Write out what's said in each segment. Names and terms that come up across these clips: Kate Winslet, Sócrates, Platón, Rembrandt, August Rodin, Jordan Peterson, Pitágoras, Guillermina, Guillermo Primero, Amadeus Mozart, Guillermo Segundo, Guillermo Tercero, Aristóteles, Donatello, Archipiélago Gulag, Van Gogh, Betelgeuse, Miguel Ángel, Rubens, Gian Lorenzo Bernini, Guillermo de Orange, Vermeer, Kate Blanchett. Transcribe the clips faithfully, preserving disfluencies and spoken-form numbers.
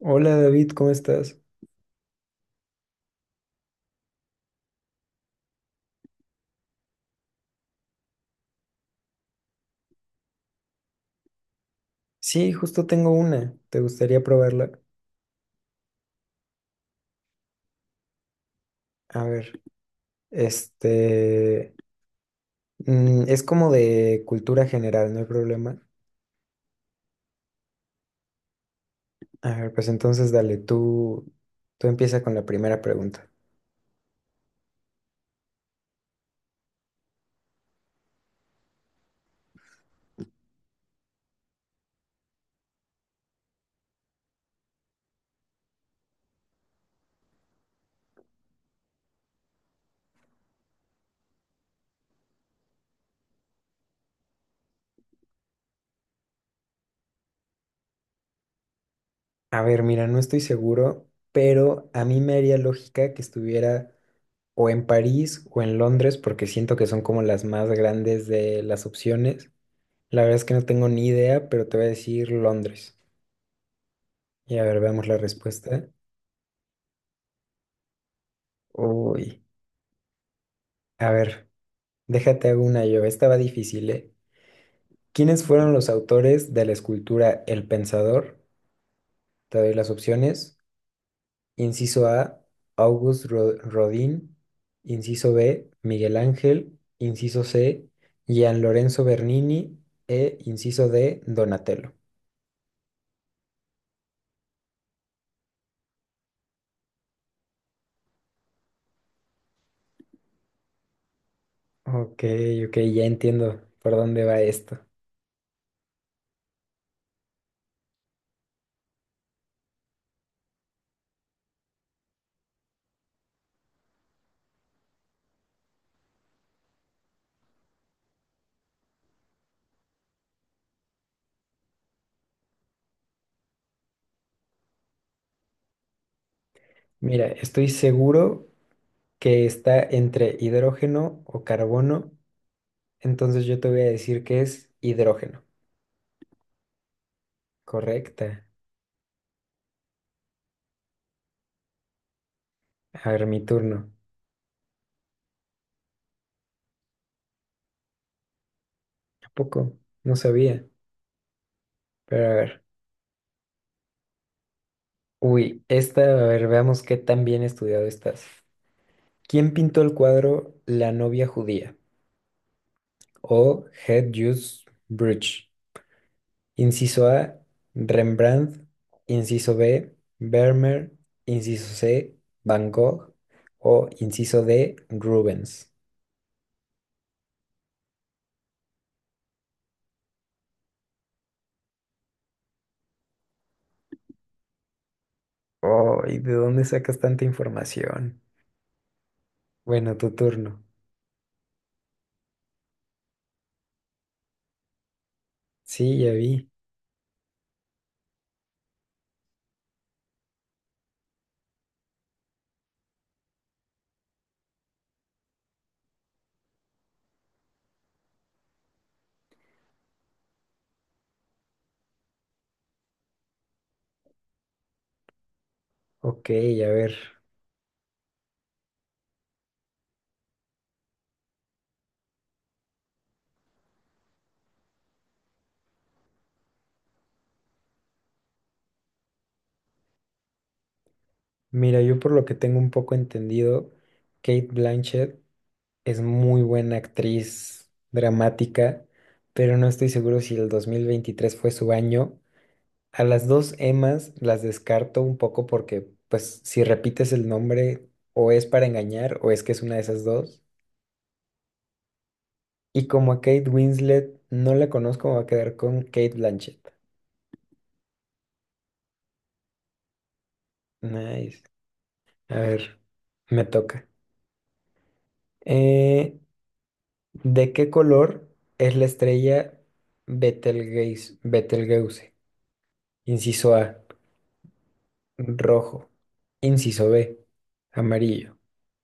Hola David, ¿cómo estás? Sí, justo tengo una. ¿Te gustaría probarla? A ver, este... mm, es como de cultura general, no hay problema. A ver, pues entonces dale, tú, tú empieza con la primera pregunta. A ver, mira, no estoy seguro, pero a mí me haría lógica que estuviera o en París o en Londres, porque siento que son como las más grandes de las opciones. La verdad es que no tengo ni idea, pero te voy a decir Londres. Y a ver, veamos la respuesta. Uy. A ver, déjate hago una yo. Estaba difícil, ¿eh? ¿Quiénes fueron los autores de la escultura El Pensador? Te doy las opciones. Inciso A, August Ro- Rodin. Inciso B, Miguel Ángel. Inciso C, Gian Lorenzo Bernini. E inciso D, Donatello. Ok, ok, ya entiendo por dónde va esto. Mira, estoy seguro que está entre hidrógeno o carbono, entonces yo te voy a decir que es hidrógeno. Correcta. A ver, mi turno. ¿A poco? No sabía. Pero a ver. Uy, esta, a ver, veamos qué tan bien estudiado estás. ¿Quién pintó el cuadro La novia judía? O Het Jules Bridge. Inciso A, Rembrandt. Inciso B, Vermeer. Inciso C, Van Gogh. O inciso D, Rubens. Oh, ¿y de dónde sacas tanta información? Bueno, tu turno. Sí, ya vi. Ok, a ver. Mira, yo por lo que tengo un poco entendido, Kate Blanchett es muy buena actriz dramática, pero no estoy seguro si el dos mil veintitrés fue su año. A las dos Emmas las descarto un poco porque, pues, si repites el nombre, o es para engañar, o es que es una de esas dos. Y como a Kate Winslet no la conozco, me voy a quedar con Kate Blanchett. Nice. A ver, me toca. Eh, ¿De qué color es la estrella Betelgeuse? Betelgeuse. Inciso A, rojo. Inciso B, amarillo.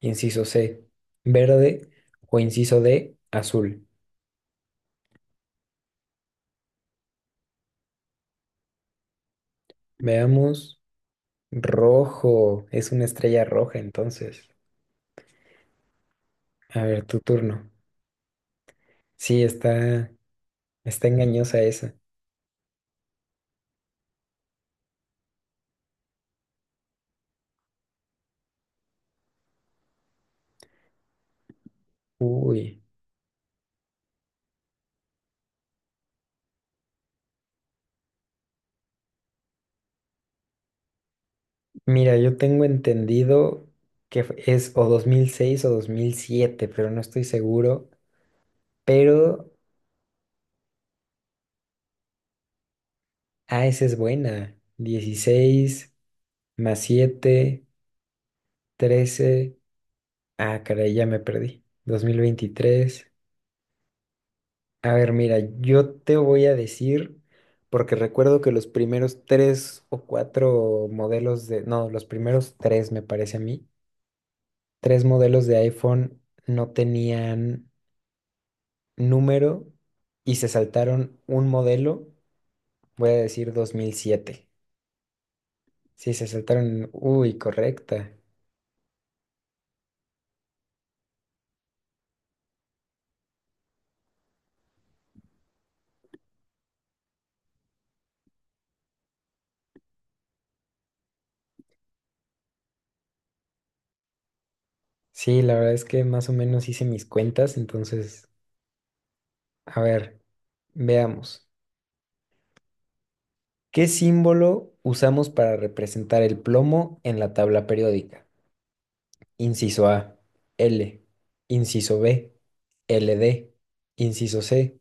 Inciso C, verde. O inciso D, azul. Veamos. Rojo. Es una estrella roja, entonces. A ver, tu turno. Sí, está, está engañosa esa. Uy. Mira, yo tengo entendido que f- es o dos mil seis o dos mil siete, pero no estoy seguro. Pero, ah, esa es buena. dieciséis más siete, trece. Ah, caray, ya me perdí. dos mil veintitrés. A ver, mira, yo te voy a decir, porque recuerdo que los primeros tres o cuatro modelos de, no, los primeros tres me parece a mí, tres modelos de iPhone no tenían número y se saltaron un modelo, voy a decir dos mil siete. Sí, se saltaron, uy, correcta. Sí, la verdad es que más o menos hice mis cuentas, entonces, a ver, veamos. ¿Qué símbolo usamos para representar el plomo en la tabla periódica? Inciso A, L. Inciso B, L D. Inciso C,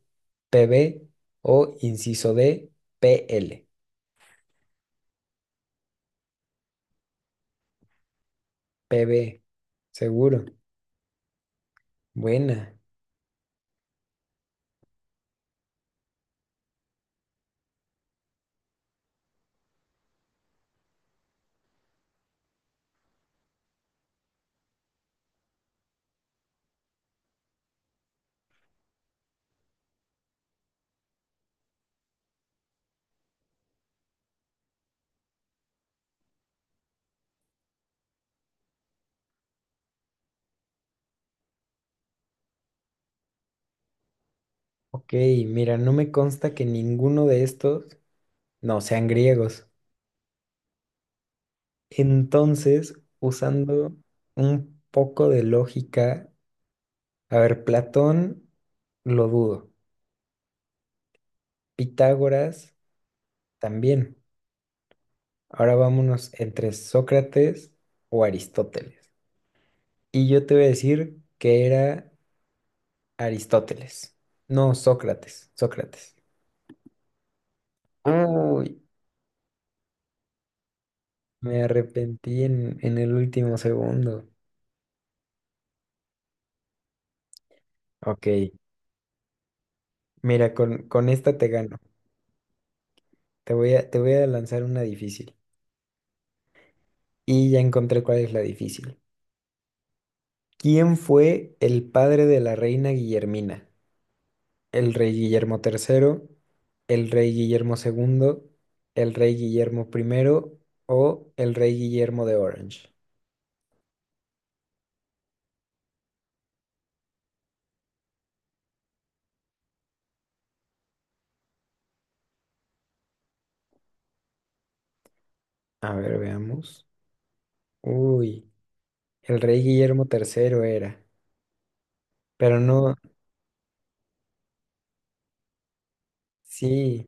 PB. O inciso D, PL. P B. Seguro. Buena. Ok, mira, no me consta que ninguno de estos no sean griegos. Entonces, usando un poco de lógica, a ver, Platón lo dudo, Pitágoras también. Ahora vámonos entre Sócrates o Aristóteles. Y yo te voy a decir que era Aristóteles, no Sócrates, Sócrates. Uy, me arrepentí en, en el último segundo. Ok, mira, con, con esta te gano. Te voy a, te voy a lanzar una difícil. Y ya encontré cuál es la difícil. ¿Quién fue el padre de la reina Guillermina? ¿El rey Guillermo Tercero, el rey Guillermo Segundo, el rey Guillermo Primero o el rey Guillermo de Orange? A ver, veamos. Uy, el rey Guillermo Tercero era, pero no, sí,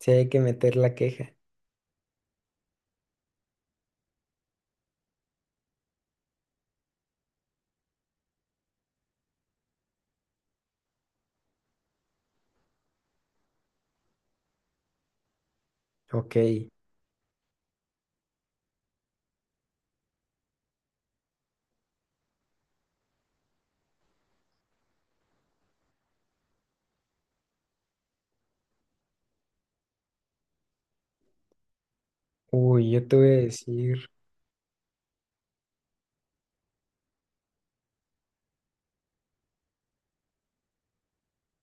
sí hay que meter la queja. Ok, uy, yo te voy a decir,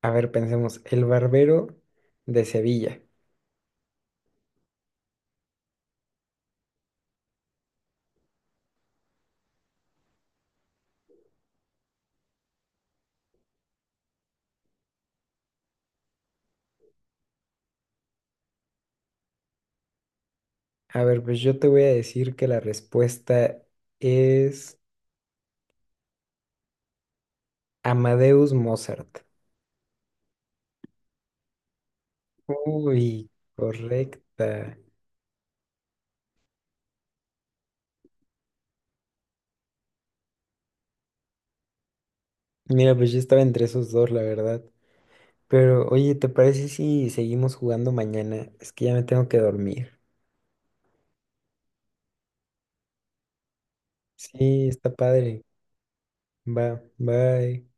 a ver, pensemos, el barbero de Sevilla. A ver, pues yo te voy a decir que la respuesta es... Amadeus Mozart. Uy, correcta. Mira, pues yo estaba entre esos dos, la verdad. Pero, oye, ¿te parece si seguimos jugando mañana? Es que ya me tengo que dormir. Sí, está padre. Va, bye.